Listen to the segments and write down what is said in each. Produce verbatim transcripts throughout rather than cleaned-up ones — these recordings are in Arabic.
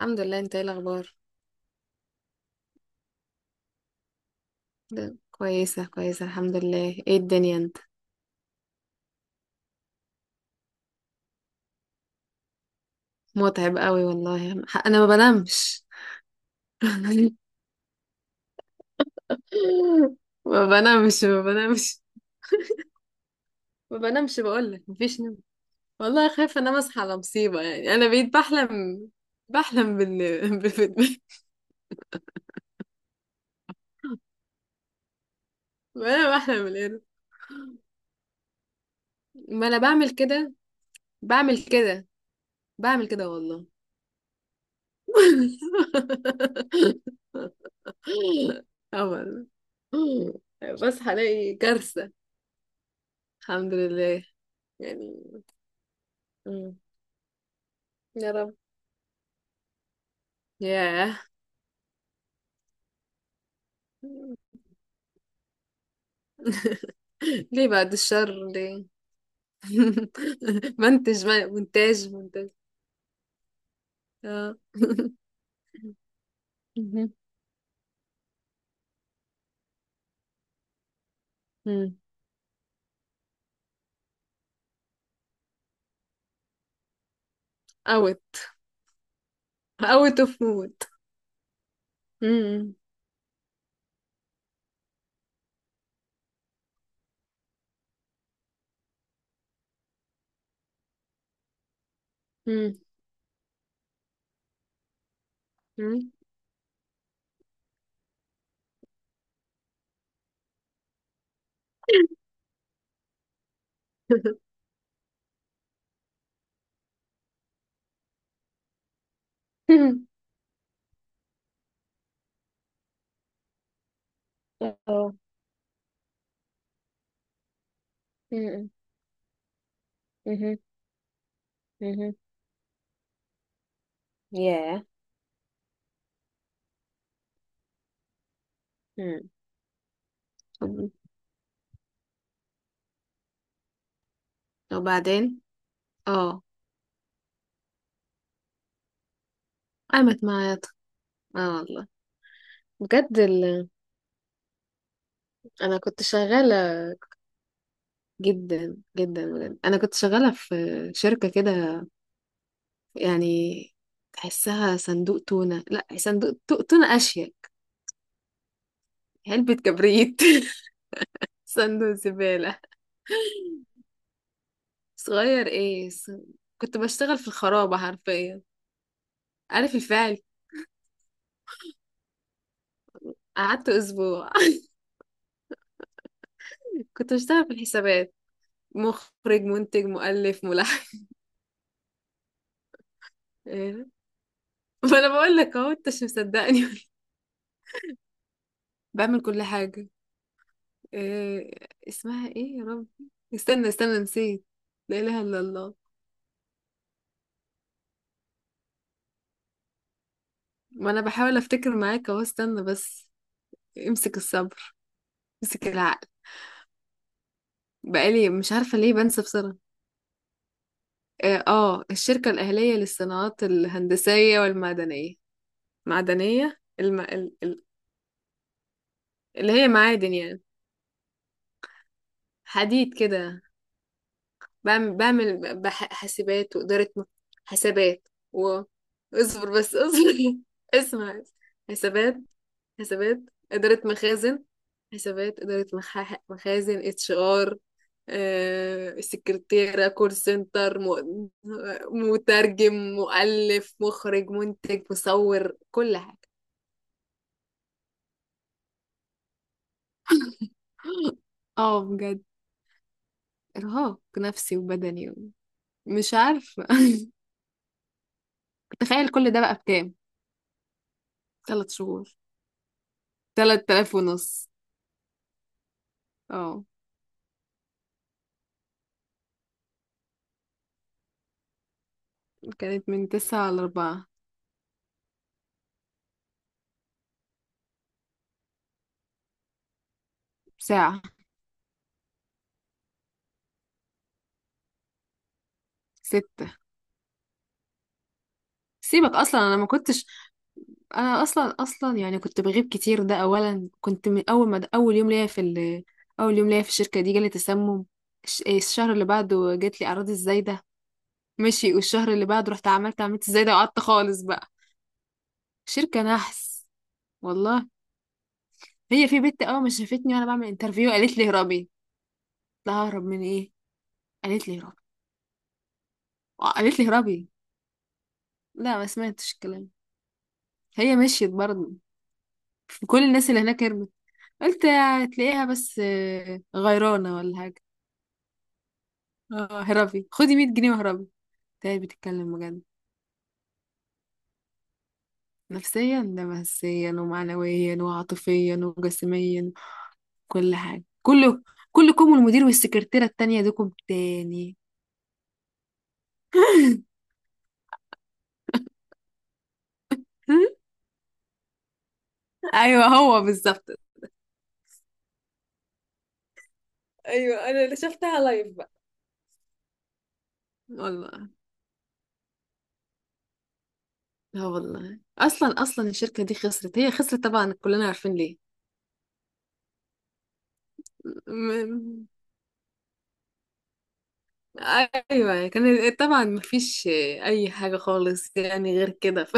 الحمد لله، انت ايه الاخبار؟ ده- كويسه كويسه الحمد لله، ايه الدنيا انت؟ متعب قوي والله. ح- انا ما بنامش. ما بنامش ما بنامش ما بنامش، بقول لك مفيش نوم. والله خايفه انام اصحى على مصيبه، يعني انا بقيت بحلم. بحلم بال بال- وانا بحلم بالقرد. ما انا بعمل كده بعمل كده بعمل كده والله. اه والله. بصحى الاقي كارثه. الحمد لله يعني. مم. يا رب. ياه. ليه بعد الشر؟ ليه؟ منتج م- مونتاج مونتاج. اه. مهم. مم. اوت اوت اوف مود. مم. مم. مم. مم. اه. مم. مهم. مهم. ياه. مم. طب- وبعدين. اه، قامت معايا ط- اه والله. بجد ال... انا كنت شغالة جدا جدا. بجد انا كنت شغاله في شركه كده يعني، تحسها صندوق تونه. لا، صندوق ت- تونه اشيك. علبه كبريت. صندوق زباله صغير. ايه ص- كنت بشتغل في الخرابه حرفيا، عارف الفعل. قعدت اسبوع. كنت بشتغل في الحسابات، مخرج منتج مؤلف ملحن. إيه؟ ما انا بقول لك اهو، انت مش مصدقني. بعمل كل حاجه. إيه اسمها؟ ايه يا رب، استنى استنى، نسيت. لا إله إلا الله. ما انا بحاول افتكر معاك اهو، استنى بس. امسك الصبر، امسك العقل. بقالي مش عارفة ليه بنسى بسرعة. اه، آه، الشركة الأهلية للصناعات الهندسية والمعدنية. معدنية الم... ال... ال... اللي هي معادن يعني، حديد كده. بعمل بعمل بح... حاسبات وإدارة م- حسابات، و، اصبر بس اصبر. اسمع. حسابات حسابات، إدارة مخازن. حسابات، إدارة مخا- مخازن، اتش ار، سكرتيرة، كول سنتر، م- مترجم، مؤلف، مخرج، منتج، مصور، كل حاجة. اه بجد، ارهاق نفسي وبدني. مش عارفة. تخيل كل ده بقى بكام، ثلاث شهور. تلات آلاف ونص. اه. كانت من تسعة لأربعة. ساعة. ستة. سيبك، أصلا أنا ما كنتش. انا اصلا اصلا يعني كنت بغيب كتير. ده اولا، كنت من اول ما د- اول يوم ليا في ال... اول يوم ليا في الشركه دي جالي تسمم. الش- الشهر اللي بعده جات لي اعراض الزايده. ماشي، والشهر اللي بعده رحت عملت عملت الزايده، وقعدت خالص بقى. شركه نحس والله. هي في بنت اول ما شافتني وانا بعمل انترفيو قالت لي هربي. لا، ههرب من ايه؟ قالت لي هربي. آه، قالت لي هربي. لا، ما سمعتش الكلام. هي مشيت برضه. كل الناس اللي هناك هربت. قلت هتلاقيها، بس آه، غيرانه ولا حاجه. اه، هربي، خدي مية جنيه وهربي. تعالي، بتتكلم بجد. نفسيا، ده نفسيا ومعنويا وعاطفيا وجسميا. كل حاجة كله. كلكم، والمدير، والسكرتيرة التانية دوكم تاني. ايوه هو بالظبط. ايوه، انا اللي شفتها لايف بقى. والله. اه والله، اصلا اصلا الشركة دي خسرت. هي خسرت طبعا، كلنا عارفين ليه. م- ايوه، كان طبعا مفيش اي حاجة خالص يعني غير كده ف...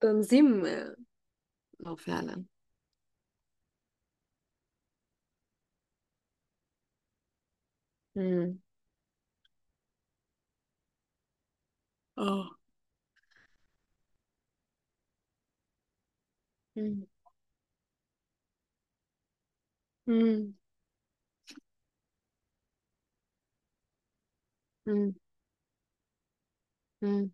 تنظيم. اه فعلا. مم. اه. مم. مم. مم. مم.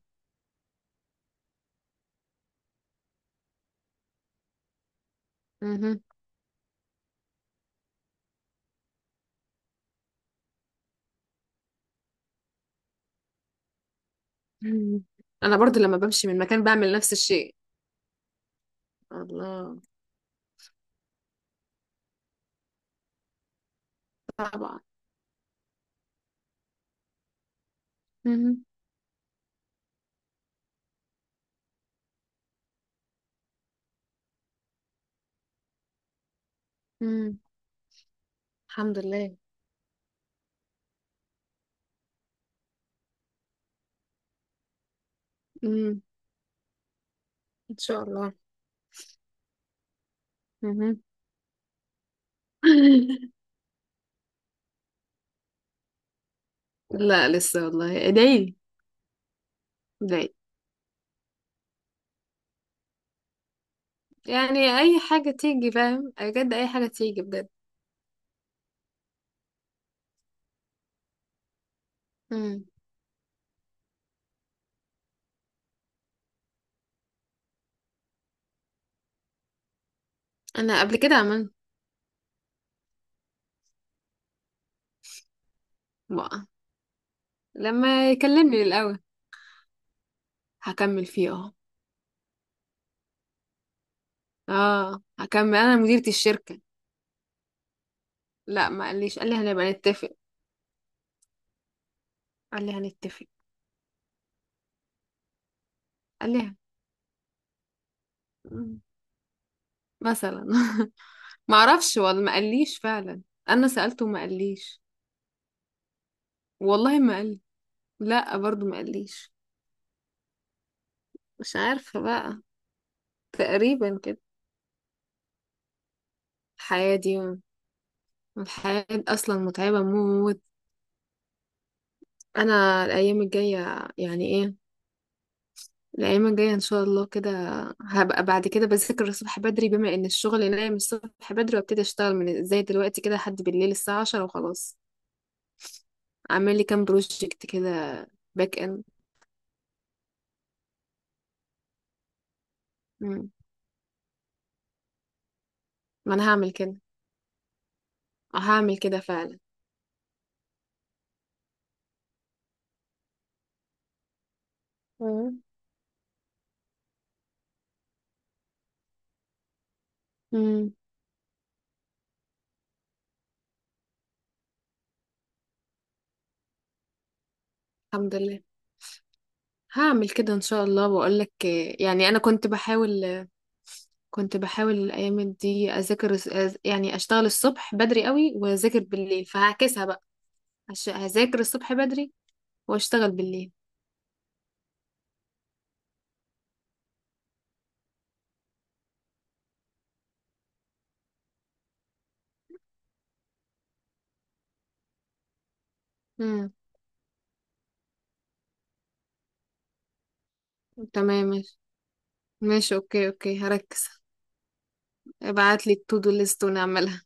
مهم. مم. انا برضو لما بمشي من مكان بعمل نفس الشيء. الله. طبعا. مهم. مم. الحمد لله. مم. ان شاء الله. مهم. لا لسه، والله ادعي لي. ادعي لي. يعني اي حاجه تيجي، فاهم بجد؟ اي حاجه تيجي بجد. مم. انا قبل كده عملت. بقى لما يكلمني الاول. هكمل فيه اه. اه، هكمل، انا مديرة الشركه. لا، ما قاليش، قال لي هنبقى نتفق. قال لي هنتفق. قال لي ه- مثلا. ما اعرفش، والله ما قاليش فعلا. انا سألته ما قاليش. والله ما قال. لا، برضو ما قاليش. مش عارفة بقى. تقريبا كده الحياة دي. الحياة دي اصلا متعبة موت. انا الايام الجاية يعني ايه؟ الايام الجاية ان شاء الله كده هبقى. بعد كده بذاكر الصبح بدري، بما ان الشغل نايم الصبح بدري، وابتدي اشتغل من زي دلوقتي كده لحد بالليل الساعة عشرة وخلاص. اعمل لي كام بروجكت كده، باك اند. مم. ما انا هعمل كده. اه هعمل كده فعلا. مم. مم. الحمد لله. هعمل كده ان شاء الله واقول لك. يعني انا كنت بحاول، كنت بحاول الايام دي اذاكر أز- يعني اشتغل الصبح بدري قوي واذاكر بالليل، فهعكسها بقى. عش- هذاكر الصبح بدري واشتغل بالليل. مم. تمام ماشي. ماشي، اوكي اوكي، هركز. ابعت لي التو دو ليست ونعملها.